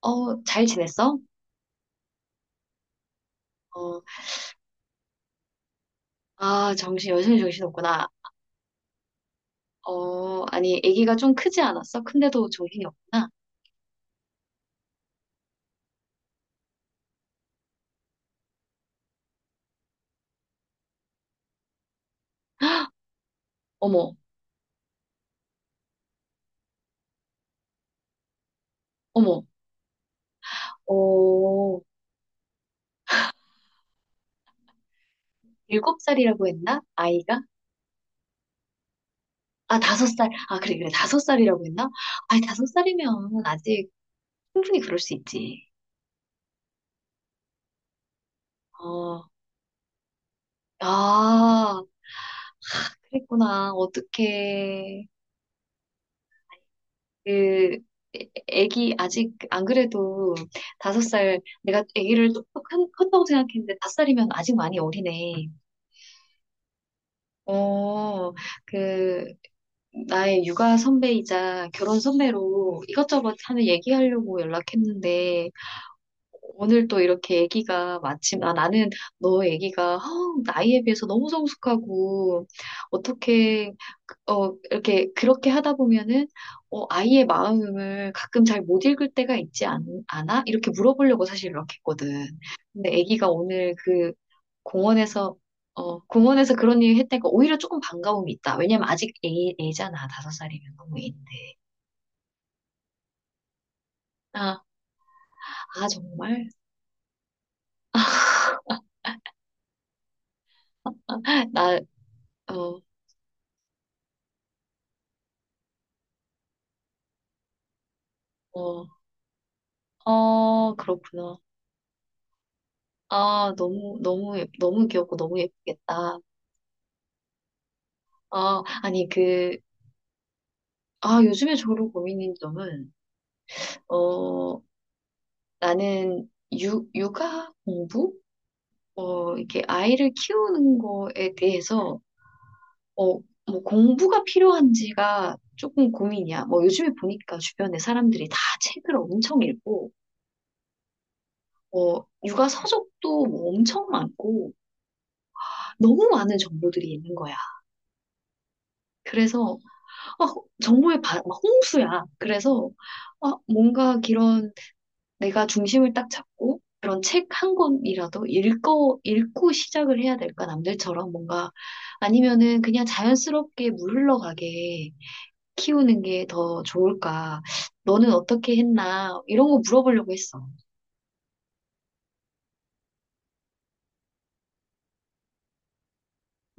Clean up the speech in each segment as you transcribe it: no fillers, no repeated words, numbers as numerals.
어, 잘 지냈어? 어, 아, 여전히 정신 없구나. 어, 아니, 아기가 좀 크지 않았어? 큰데도 정신이 없구나. 어머, 어머, 어, 일곱 살이라고 했나? 아이가? 아, 5살. 아, 그래, 그래, 다섯 살이라고 했나? 아니, 다섯 살이면 아직 충분히 그럴 수 있지. 어, 아, 그랬구나. 어떡해. 그 애기 아직 안 그래도 5살 내가 애기를 컸다고 생각했는데 다섯 살이면 아직 많이 어리네. 어, 그 나의 육아 선배이자 결혼 선배로 이것저것 하는 얘기하려고 연락했는데 오늘 또 이렇게 애기가 마침 아 나는 너 애기가 허, 나이에 비해서 너무 성숙하고 어떻게 어, 이렇게, 그렇게 하다 보면은, 어, 아이의 마음을 가끔 잘 못 읽을 때가 있지 않, 아 이렇게 물어보려고 사실 이렇게 했거든. 근데 아기가 오늘 그 공원에서, 공원에서 그런 일 했다니까 오히려 조금 반가움이 있다. 왜냐면 아직 애잖아. 다섯 살이면 너무 애인데. 아, 아, 정말? 나, 어, 어, 어, 그렇구나. 아, 너무, 너무, 너무 귀엽고 너무 예쁘겠다. 아, 아니, 그, 아, 요즘에 저로 고민인 점은, 어, 나는 육아 공부? 어, 이렇게 아이를 키우는 거에 대해서, 어, 뭐 공부가 필요한지가 조금 고민이야. 뭐 요즘에 보니까 주변에 사람들이 다 책을 엄청 읽고, 어, 육아 서적도 뭐 엄청 많고, 너무 많은 정보들이 있는 거야. 그래서, 아, 정보의 막 홍수야. 그래서, 아, 뭔가 내가 중심을 딱 잡고 그런 책 한 권이라도 읽고 시작을 해야 될까? 남들처럼 뭔가 아니면은 그냥 자연스럽게 물 흘러가게 키우는 게 더 좋을까? 너는 어떻게 했나? 이런 거 물어보려고 했어.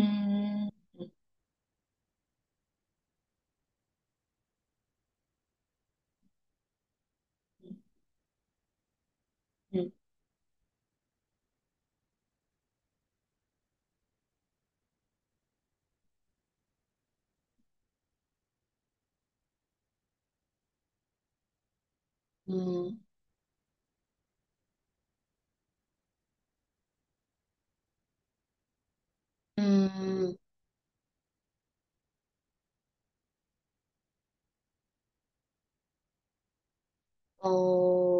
음, 음, 음, 음, 어,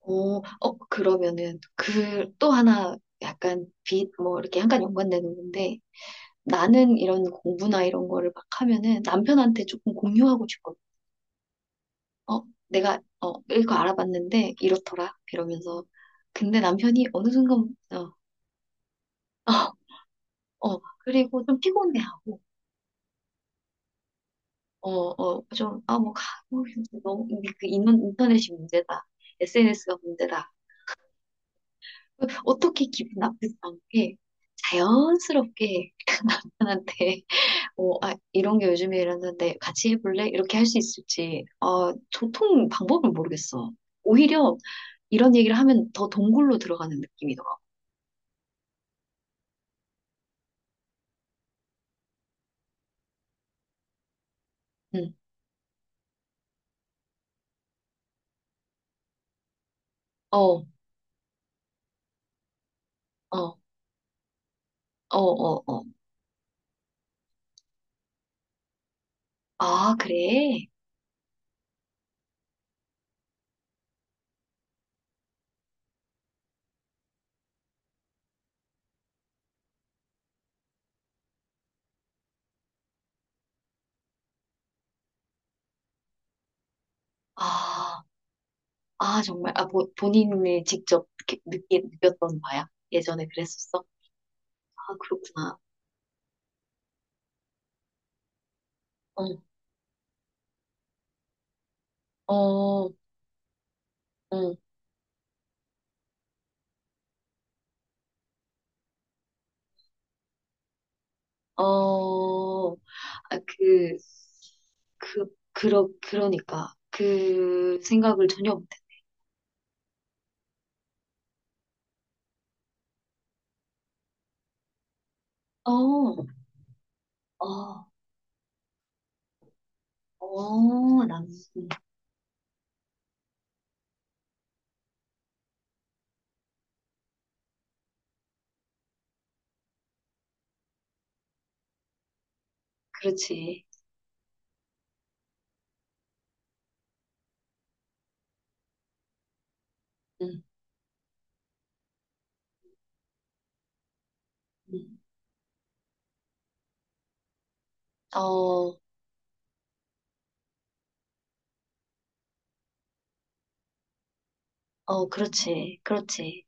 오, 어, 그러면은 그 또 하나 약간 빛, 뭐 이렇게 약간 연관되는 건데 나는 이런 공부나 이런 거를 막 하면은 남편한테 조금 공유하고 싶거든. 어, 내가, 어, 이거 알아봤는데 이렇더라. 이러면서. 근데 남편이 어느 순간, 어, 어, 어, 그리고 좀 피곤해하고, 어, 어, 좀, 아, 뭐, 가, 뭐, 너무, 이게 그 인터넷이 문제다. SNS가 문제다. 어떻게 기분 나쁘지 않게 자연스럽게 남편한테 뭐, 아, 이런 게 요즘에 이랬는데 같이 해볼래? 이렇게 할 수 있을지, 어 도통 방법을 모르겠어. 오히려 이런 얘기를 하면 더 동굴로 들어가는 느낌이더라고. 응. 어, 어, 어, 어, 어. 아, 그래? 아, 아, 정말. 아, 뭐, 본인이 직접 이렇게 느꼈던 바야? 예전에 그랬었어? 아, 그렇구나. 어, 어, 응, 어. 아, 그, 그러니까. 그 생각을 전혀 못했어. 어, 어, 음, 그렇지. 응, 응. 어, 어, 그렇지. 그렇지.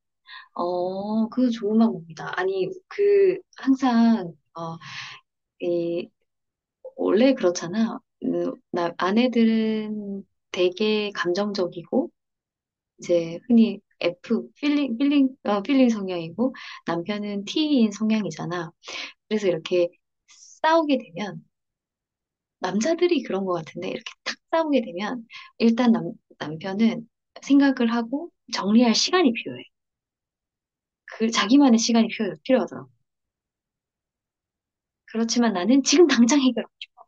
어, 그 좋은 방법이다. 아니, 그, 항상, 어, 이, 원래 그렇잖아. 나, 아내들은 되게 감정적이고, 이제 흔히 F, 필링 성향이고, 남편은 T인 성향이잖아. 그래서 이렇게 싸우게 되면, 남자들이 그런 것 같은데 이렇게 탁 싸우게 되면 일단 남편은 생각을 하고 정리할 시간이 필요해. 그 자기만의 시간이 필요하더라고. 그렇지만 나는 지금 당장 해결하고 싶어.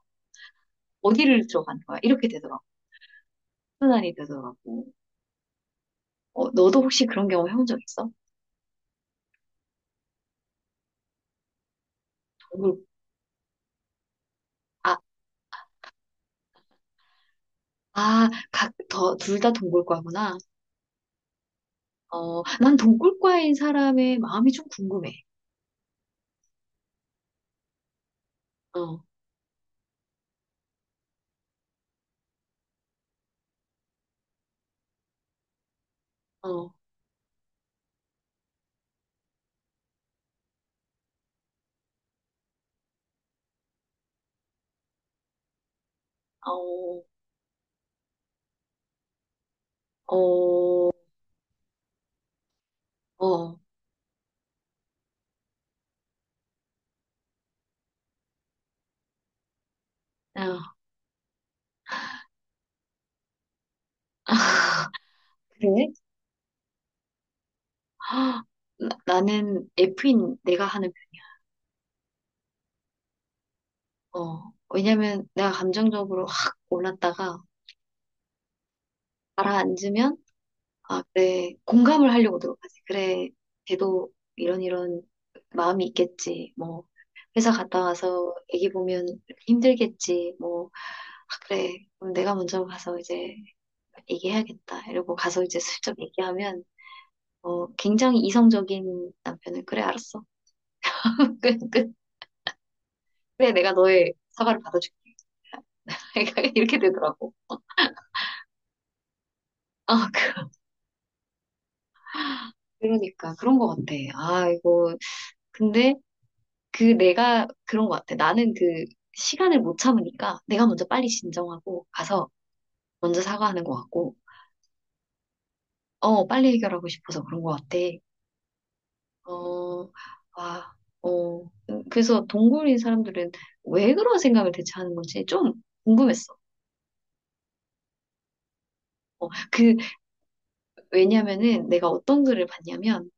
어디를 들어가는 거야? 이렇게 되더라고. 순환이 되더라고. 어, 너도 혹시 그런 경험 해본 적 있어? 동굴, 아, 아, 각, 더, 둘 다 동굴과구나. 어, 난 동굴과인 사람의 마음이 좀 궁금해. 어, 어, 어, 어, 어, 어. 그래? 아, 나는 F인 내가 하는 편이야. 어, 왜냐면 내가 감정적으로 확 올랐다가 가라앉으면, 아, 그래, 공감을 하려고 들어가지. 그래, 걔도 이런 이런 마음이 있겠지. 뭐, 회사 갔다 와서 애기 보면 힘들겠지. 뭐, 아, 그래, 그럼 내가 먼저 가서 이제 얘기해야겠다. 이러고 가서 이제 슬쩍 얘기하면, 어, 굉장히 이성적인 남편은, 그래, 알았어. 끝, 끝. 그래, 내가 너의 사과를 받아줄게. 그러니까 이렇게 되더라고. 아, 그러니까 그런 것 같아. 아, 이거 근데 그 내가 그런 것 같아. 나는 그 시간을 못 참으니까 내가 먼저 빨리 진정하고 가서 먼저 사과하는 것 같고, 어, 빨리 해결하고 싶어서 그런 것 같아. 어, 아, 어. 그래서 동굴인 사람들은 왜 그런 생각을 대체 하는 건지 좀 궁금했어. 어, 그 왜냐면은 내가 어떤 글을 봤냐면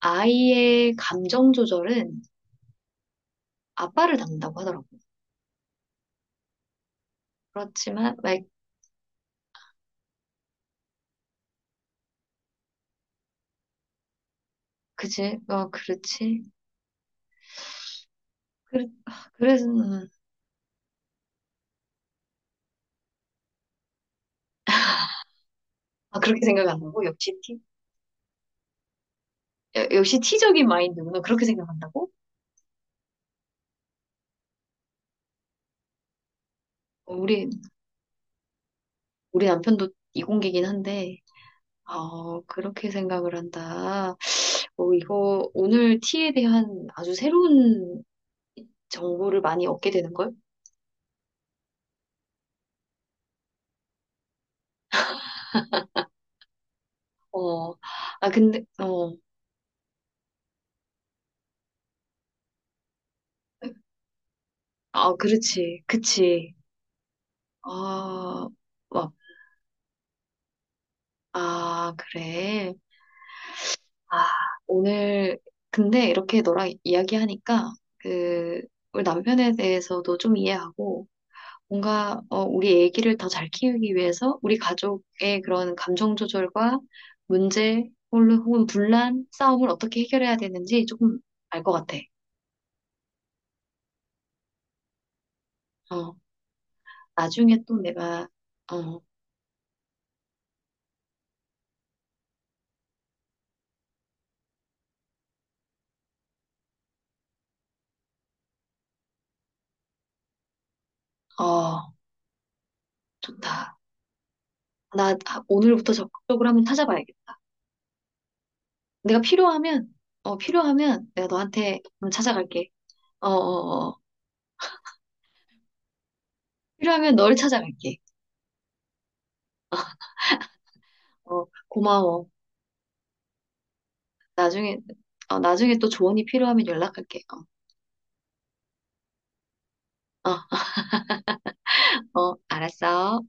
아이의 감정 조절은 아빠를 닮는다고 하더라고. 그렇지만, 그치? 어, 그렇지. 그래, 아, 그래서, 아, 그렇게 생각 안 하고, 역시 티, 야, 역시 티적인 마인드구나. 그렇게 생각한다고? 어, 우리 남편도 이공계긴 한데, 어, 그렇게 생각을 한다. 어, 이거, 오늘 티에 대한 아주 새로운 정보를 많이 얻게 되는걸? 어, 아, 근데, 어, 아, 그렇지. 그치. 아, 막, 아, 그래. 아, 오늘, 근데 이렇게 너랑 이야기하니까, 그, 우리 남편에 대해서도 좀 이해하고, 뭔가, 어, 우리 애기를 더 잘 키우기 위해서, 우리 가족의 그런 감정 조절과 문제, 혹은 분란, 싸움을 어떻게 해결해야 되는지 조금 알 것 같아. 어, 나중에 또 내가, 어, 어, 좋다. 나 아, 오늘부터 적극적으로 한번 찾아봐야겠다. 내가 필요하면, 어, 필요하면 내가 너한테 한번 찾아갈게. 어, 어, 어. 필요하면 너를 찾아갈게. 어, 고마워. 나중에, 어, 나중에 또 조언이 필요하면 연락할게. 어, 어, 어, 알았어.